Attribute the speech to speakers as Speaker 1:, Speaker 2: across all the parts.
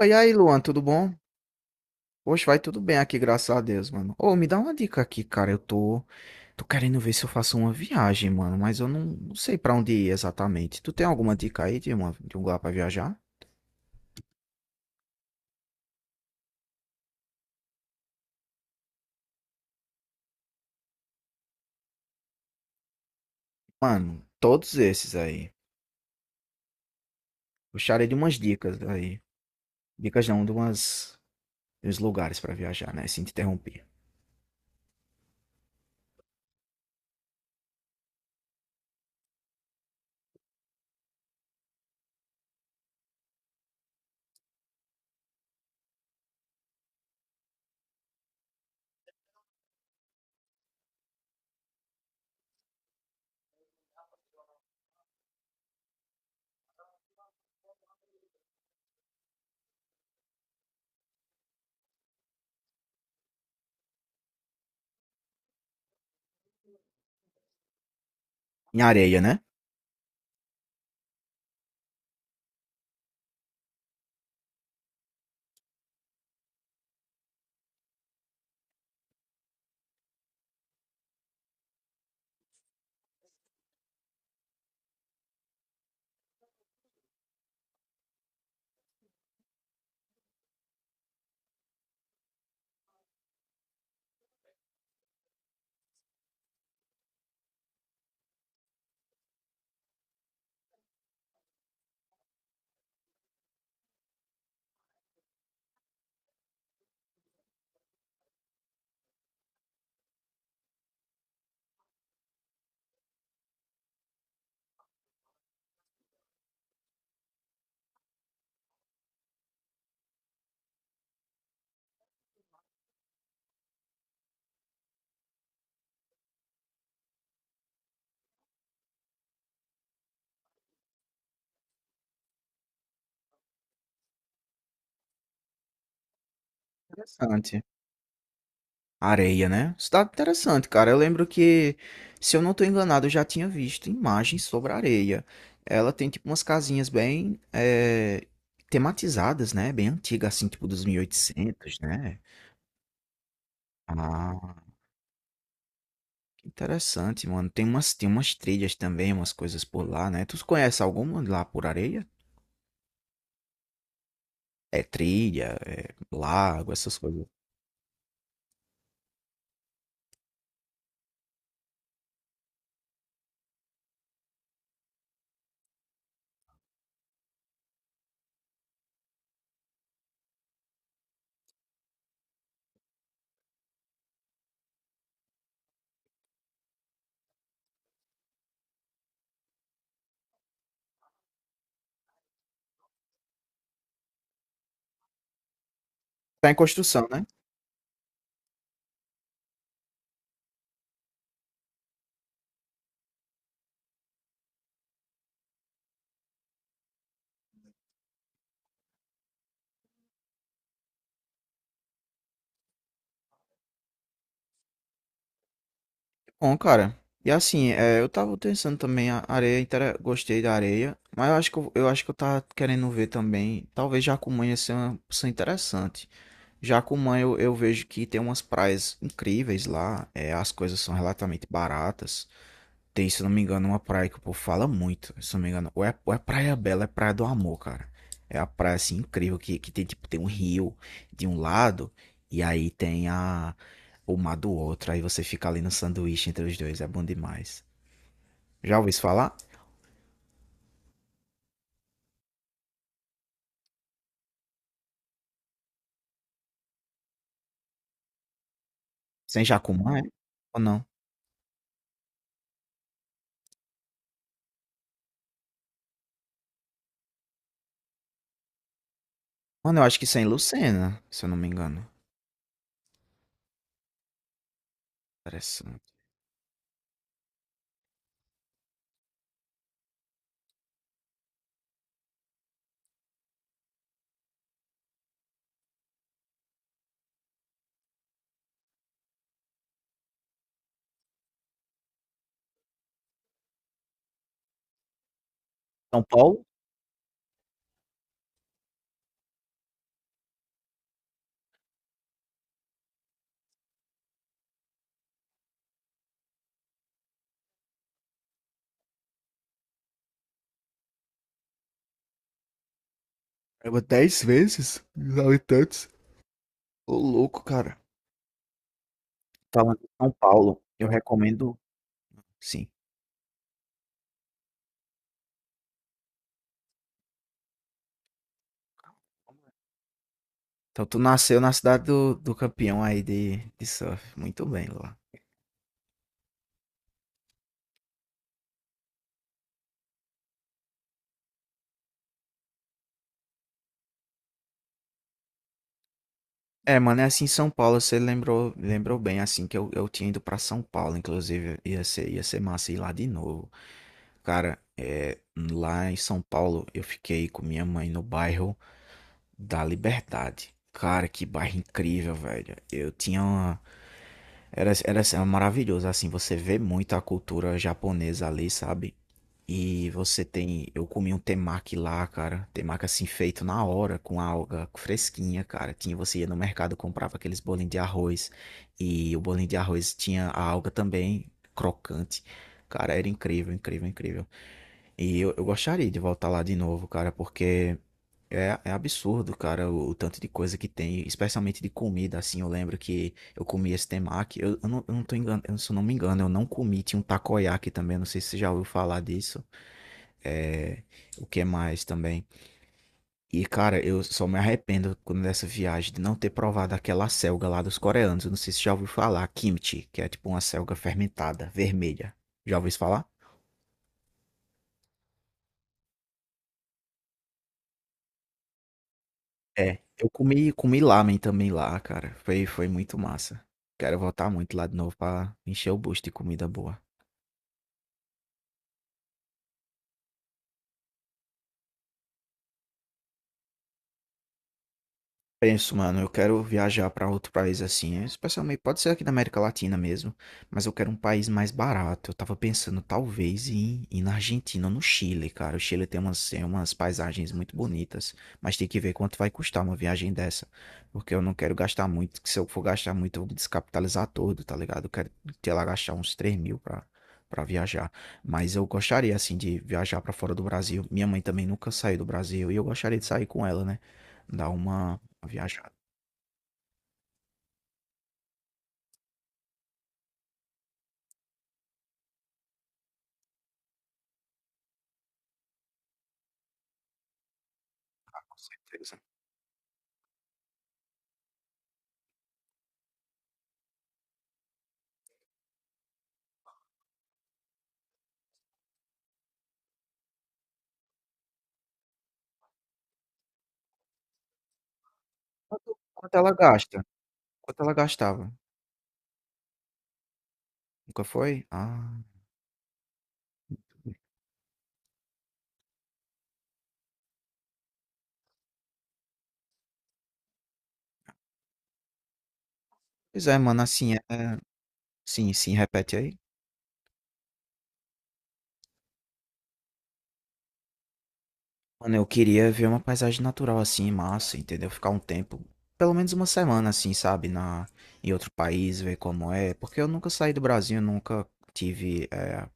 Speaker 1: Oi, aí, Luan, tudo bom? Poxa, vai tudo bem aqui, graças a Deus, mano. Ô, me dá uma dica aqui, cara. Eu tô querendo ver se eu faço uma viagem, mano, mas eu não sei pra onde ir exatamente. Tu tem alguma dica aí de, uma, de um lugar pra viajar? Mano, todos esses aí. Gostaria de umas dicas aí. Dicas não, de umas, de uns lugares pra viajar, né? Sem te interromper. Em areia, né? Interessante. Areia, né? Cidade interessante, cara. Eu lembro que, se eu não tô enganado, eu já tinha visto imagens sobre a areia. Ela tem, tipo, umas casinhas bem tematizadas, né? Bem antiga, assim, tipo dos 1800, né? Ah, que interessante, mano. Tem umas trilhas também, umas coisas por lá, né? Tu conhece alguma lá por areia? É trilha, é lago, essas coisas. Tá em construção, né? Bom, cara, e assim, é, eu tava pensando também, a areia, intera- gostei da areia, mas eu acho que eu tava querendo ver também, talvez Jacumã ia ser uma opção interessante. Jacumã eu vejo que tem umas praias incríveis lá, é, as coisas são relativamente baratas. Tem, se eu não me engano, uma praia que o povo fala muito, se eu não me engano. Ou é Praia Bela, é Praia do Amor, cara. É a praia, assim, incrível, que tem, tipo, tem um rio de um lado e aí tem a, o mar do outro. Aí você fica ali no sanduíche entre os dois, é bom demais. Já ouviu isso falar? Sem Jacumã, é? Ou não? Mano, eu acho que isso é em Lucena, se eu não me engano. Interessante. São Paulo? É dez vezes os habitantes. Ô, louco, cara. Falando de São Paulo, eu recomendo, sim. Então tu nasceu na cidade do, do campeão aí de surf. Muito bem, Luan. É, mano, é assim em São Paulo, você lembrou, lembrou bem, assim, que eu tinha ido pra São Paulo, inclusive, ia ser massa ir lá de novo. Cara, é, lá em São Paulo, eu fiquei com minha mãe no bairro da Liberdade. Cara, que bairro incrível, velho. Eu tinha uma... Era, era, assim, maravilhoso, assim, você vê muito a cultura japonesa ali, sabe? E você tem. Eu comi um temaki lá, cara. Temaki assim feito na hora, com alga fresquinha, cara. Tinha, você ia no mercado, comprava aqueles bolinhos de arroz. E o bolinho de arroz tinha a alga também, crocante. Cara, era incrível, incrível, incrível. E eu gostaria de voltar lá de novo, cara, porque é, é absurdo, cara, o tanto de coisa que tem, especialmente de comida, assim. Eu lembro que eu comi esse temaki. Eu não tô enganando, se eu não me engano, eu não comi. Tinha um takoyaki também, não sei se você já ouviu falar disso. É, o que mais também? E, cara, eu só me arrependo quando dessa viagem de não ter provado aquela selga lá dos coreanos. Eu não sei se já ouviu falar, kimchi, que é tipo uma selga fermentada, vermelha. Já ouviu isso falar? É. Eu comi, comi lamen também lá, cara. Foi, foi muito massa. Quero voltar muito lá de novo pra encher o bucho de comida boa. Penso, mano, eu quero viajar pra outro país assim, é, especialmente pode ser aqui da América Latina mesmo, mas eu quero um país mais barato. Eu tava pensando talvez em ir na Argentina ou no Chile, cara. O Chile tem umas paisagens muito bonitas, mas tem que ver quanto vai custar uma viagem dessa, porque eu não quero gastar muito, que se eu for gastar muito eu vou me descapitalizar todo, tá ligado? Eu quero ter lá gastar uns 3 mil pra, pra viajar, mas eu gostaria assim de viajar pra fora do Brasil. Minha mãe também nunca saiu do Brasil e eu gostaria de sair com ela, né? Dar uma viajada, beleza. Quanto quanto ela gasta? Quanto ela gastava? Nunca foi? Ah, pois é, mano, assim, é sim, sim, repete aí. Mano, eu queria ver uma paisagem natural assim, massa, entendeu? Ficar um tempo, pelo menos uma semana assim, sabe, na em outro país, ver como é, porque eu nunca saí do Brasil, nunca tive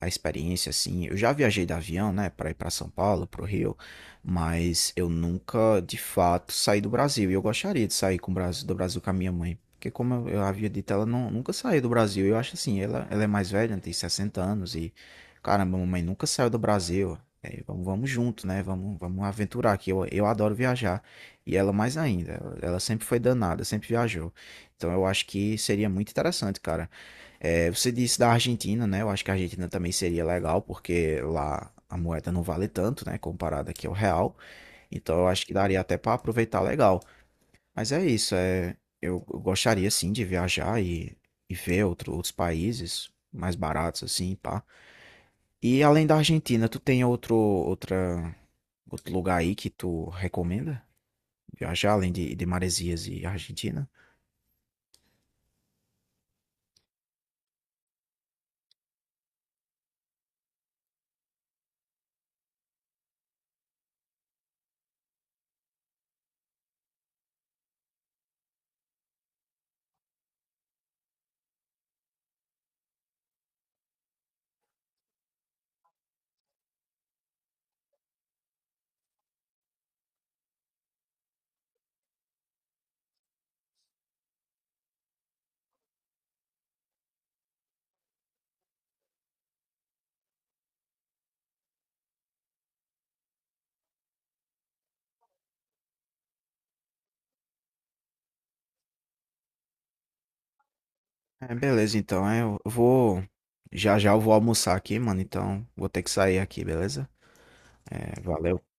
Speaker 1: a experiência, assim. Eu já viajei de avião, né, para ir para São Paulo, pro Rio, mas eu nunca, de fato, saí do Brasil. E eu gostaria de sair com o Brasil, do Brasil com a minha mãe. Porque, como eu havia dito, ela não, nunca saiu do Brasil. Eu acho assim, ela é mais velha, tem 60 anos e, caramba, mamãe nunca saiu do Brasil. É, vamos, vamos junto, né? Vamos, vamos aventurar aqui. Eu adoro viajar. E ela mais ainda. Ela sempre foi danada, sempre viajou. Então eu acho que seria muito interessante, cara. É, você disse da Argentina, né? Eu acho que a Argentina também seria legal, porque lá a moeda não vale tanto, né? Comparada aqui ao real. Então eu acho que daria até para aproveitar legal. Mas é isso, é, eu gostaria sim de viajar e ver outro- outros países mais baratos, assim, pá. E além da Argentina, tu tem outro, outra, outro lugar aí que tu recomenda? Viajar além de Maresias e Argentina? É, beleza, então. É, Eu vou. Já já eu vou almoçar aqui, mano. Então vou ter que sair aqui, beleza? É, valeu.